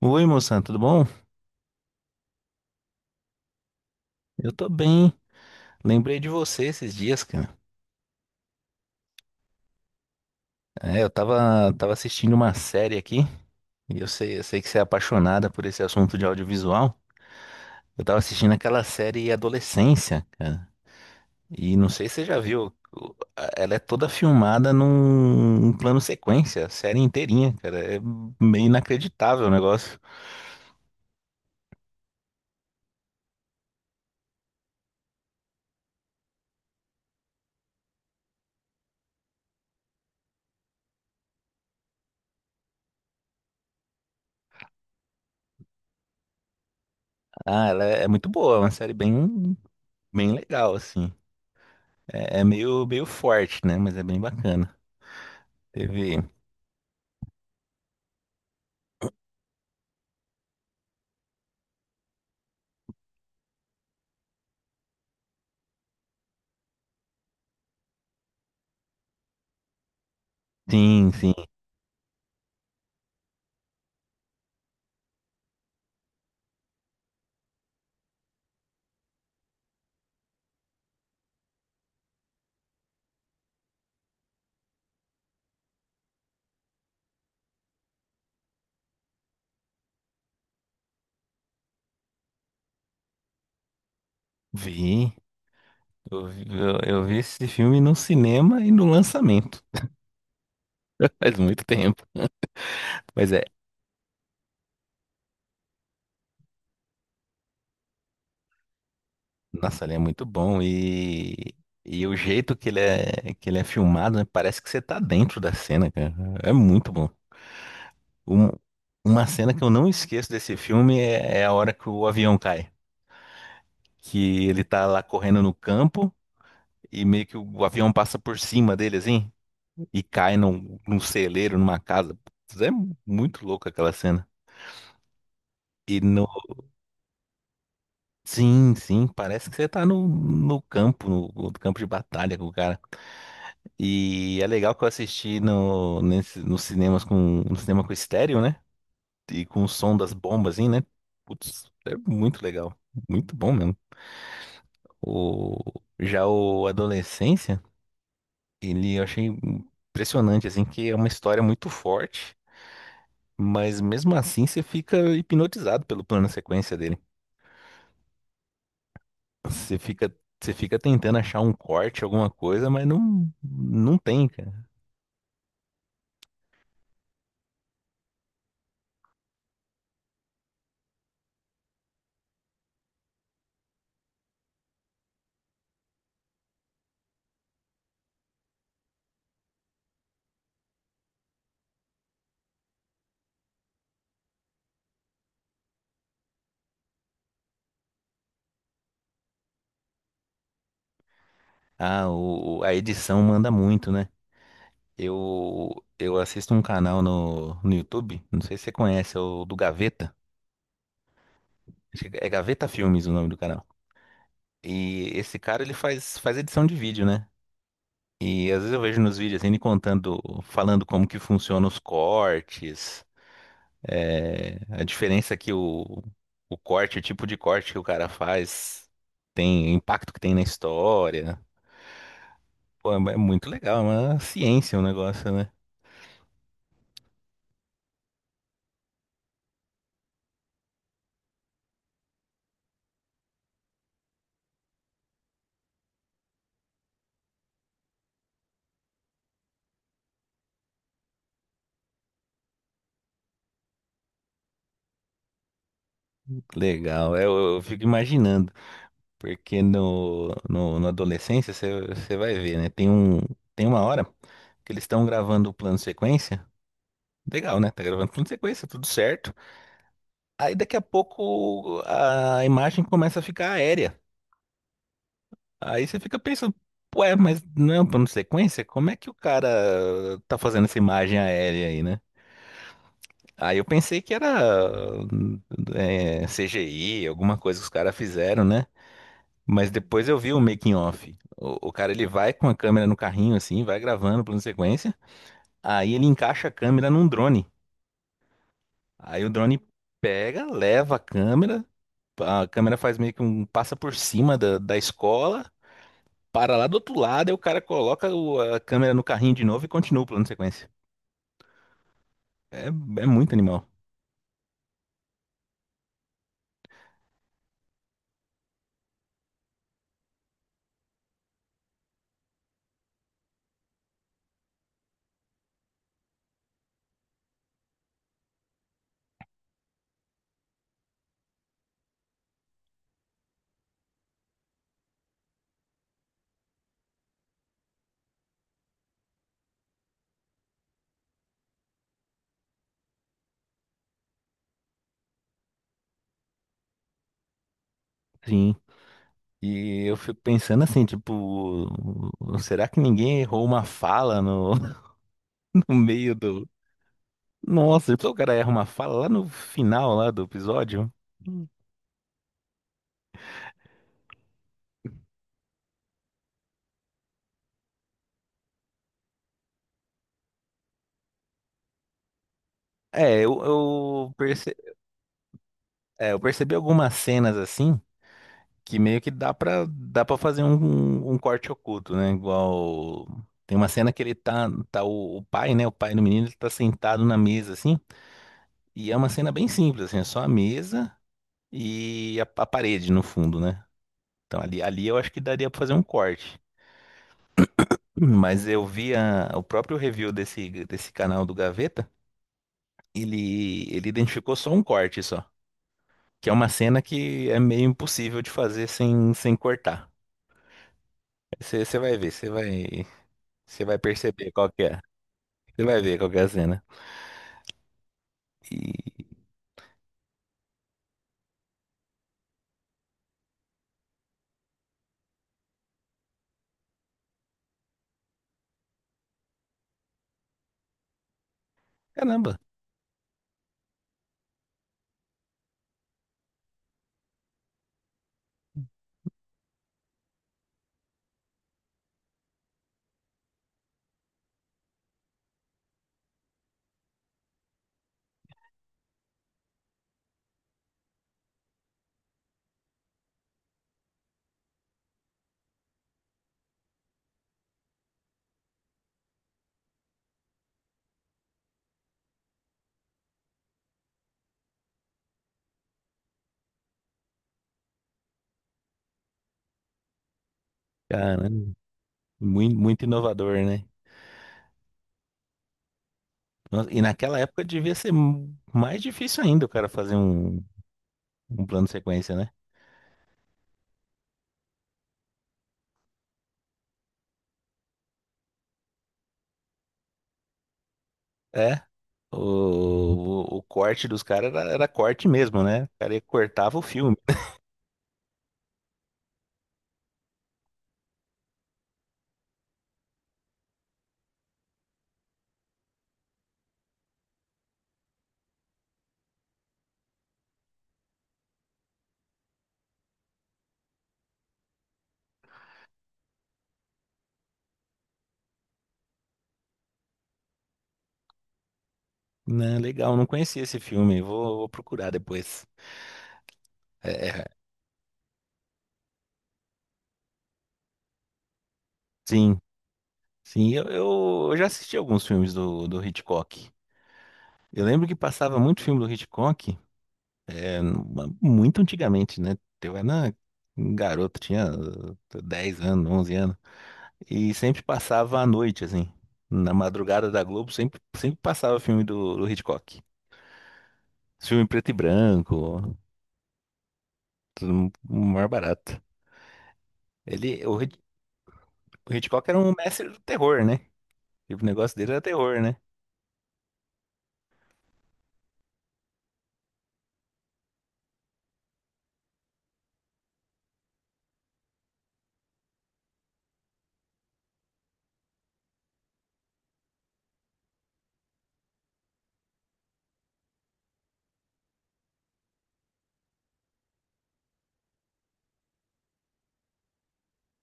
Oi, moção, tudo bom? Eu tô bem. Lembrei de você esses dias, cara. É, eu tava assistindo uma série aqui, e eu sei que você é apaixonada por esse assunto de audiovisual. Eu tava assistindo aquela série Adolescência, cara. E não sei se você já viu, ela é toda filmada num plano sequência, a série inteirinha, cara. É meio inacreditável o negócio. Ah, ela é muito boa, é uma série bem legal, assim. É, é meio forte, né? Mas é bem bacana. Teve. Sim, sim. Vi. Eu vi esse filme no cinema e no lançamento. Faz muito tempo. Mas é, nossa, ele é muito bom e o jeito que ele é filmado, né, parece que você tá dentro da cena, cara. É muito bom. Um- uma cena que eu não esqueço desse filme é, é a hora que o avião cai. Que ele tá lá correndo no campo e meio que avião passa por cima dele, assim, e cai num celeiro, numa casa. Putz, é muito louco aquela cena. E no, Sim, sim, parece que você tá no campo, no campo de batalha com o cara. E é legal que eu assisti no, nesse, nos cinemas no cinema com estéreo, né? E com o som das bombas, assim, né? Putz, é muito legal. Muito bom mesmo. O, já o Adolescência, ele eu achei impressionante, assim, que é uma história muito forte, mas mesmo assim você fica hipnotizado pelo plano sequência dele. Você fica, você fica tentando achar um corte, alguma coisa, mas não, não tem, cara. Ah, a edição manda muito, né? Eu assisto um canal no YouTube, não sei se você conhece, é o do Gaveta. Acho que é Gaveta Filmes o nome do canal. E esse cara, ele faz edição de vídeo, né? E às vezes eu vejo nos vídeos assim, ele contando, falando como que funcionam os cortes. É, a diferença é que o corte, o tipo de corte que o cara faz, tem o impacto que tem na história. Pô, é muito legal, é uma ciência o negócio, né? Legal, é, eu fico imaginando, porque no, no, na adolescência você vai ver, né? Tem um, tem uma hora que eles estão gravando o plano sequência. Legal, né? Tá gravando plano sequência, tudo certo. Aí daqui a pouco a imagem começa a ficar aérea. Aí você fica pensando, ué, mas não é um plano de sequência? Como é que o cara tá fazendo essa imagem aérea aí, né? Aí eu pensei que era CGI, alguma coisa que os caras fizeram, né? Mas depois eu vi o making off. O cara ele vai com a câmera no carrinho assim, vai gravando o plano de sequência. Aí ele encaixa a câmera num drone. Aí o drone pega, leva a câmera faz meio que um passa por cima da escola. Para lá do outro lado, aí o cara coloca a câmera no carrinho de novo e continua o plano de sequência. É, é muito animal. Sim. E eu fico pensando assim, tipo, será que ninguém errou uma fala no, no meio do. Nossa, depois o cara erra uma fala lá no final lá do episódio. É, é, eu percebi algumas cenas assim, que meio que dá pra fazer um, um corte oculto, né? Igual. Tem uma cena que ele o pai, né? O pai do menino, ele tá sentado na mesa, assim. E é uma cena bem simples, assim, é só a mesa e a parede no fundo, né? Então ali eu acho que daria pra fazer um corte. Mas eu vi o próprio review desse canal do Gaveta. Ele identificou só um corte só. Que é uma cena que é meio impossível de fazer sem, sem cortar. Você vai ver, você vai. Você vai perceber qual que é. Você vai ver qual que é a cena. E caramba, caramba, muito, muito inovador, né? Nossa, e naquela época devia ser mais difícil ainda o cara fazer um plano de sequência, né? É, o corte dos caras era corte mesmo, né? O cara cortava o filme. Né, legal, não conhecia esse filme, vou, vou procurar depois. É, é, sim, sim, eu já assisti alguns filmes do Hitchcock. Eu lembro que passava muito filme do Hitchcock, é, muito antigamente, né? Eu era um garoto, tinha 10 anos, 11 anos, e sempre passava à noite, assim. Na madrugada da Globo, sempre, sempre passava filme do Hitchcock. Filme em preto e branco, tudo mais barato. Ele, o, Hit- o Hitchcock era um mestre do terror, né? E o negócio dele era terror, né?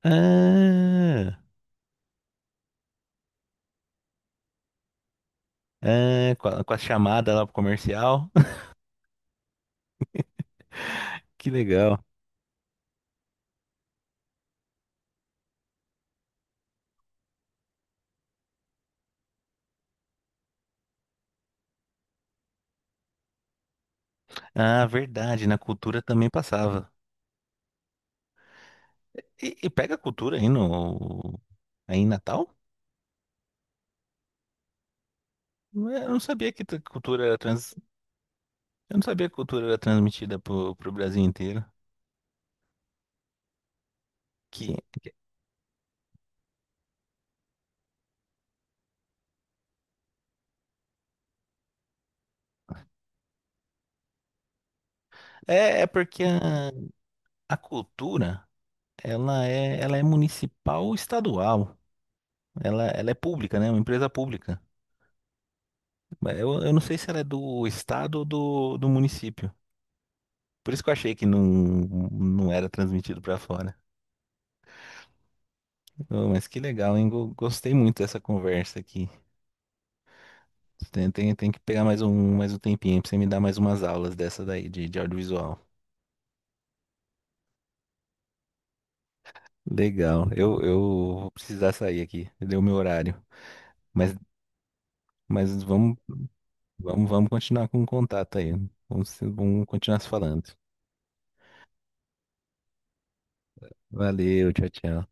Ah, ah, com a chamada lá pro comercial. Que legal. Ah, verdade, na cultura também passava. E pega cultura aí aí em Natal? Não eu não sabia que cultura era trans, eu não sabia que cultura era transmitida pro, pro Brasil inteiro. Que é, é porque a cultura ela é municipal ou estadual. Ela é pública, né? É uma empresa pública. Mas eu não sei se ela é do estado ou do município. Por isso que eu achei que não, não era transmitido para fora. Oh, mas que legal, hein? Gostei muito dessa conversa aqui. Tem que pegar mais mais um tempinho pra você me dar mais umas aulas dessa daí de audiovisual. Legal. Eu vou precisar sair aqui. Deu meu horário. Mas, mas vamos, vamos continuar com o contato aí. Vamos continuar se falando. Valeu, tchau, tchau.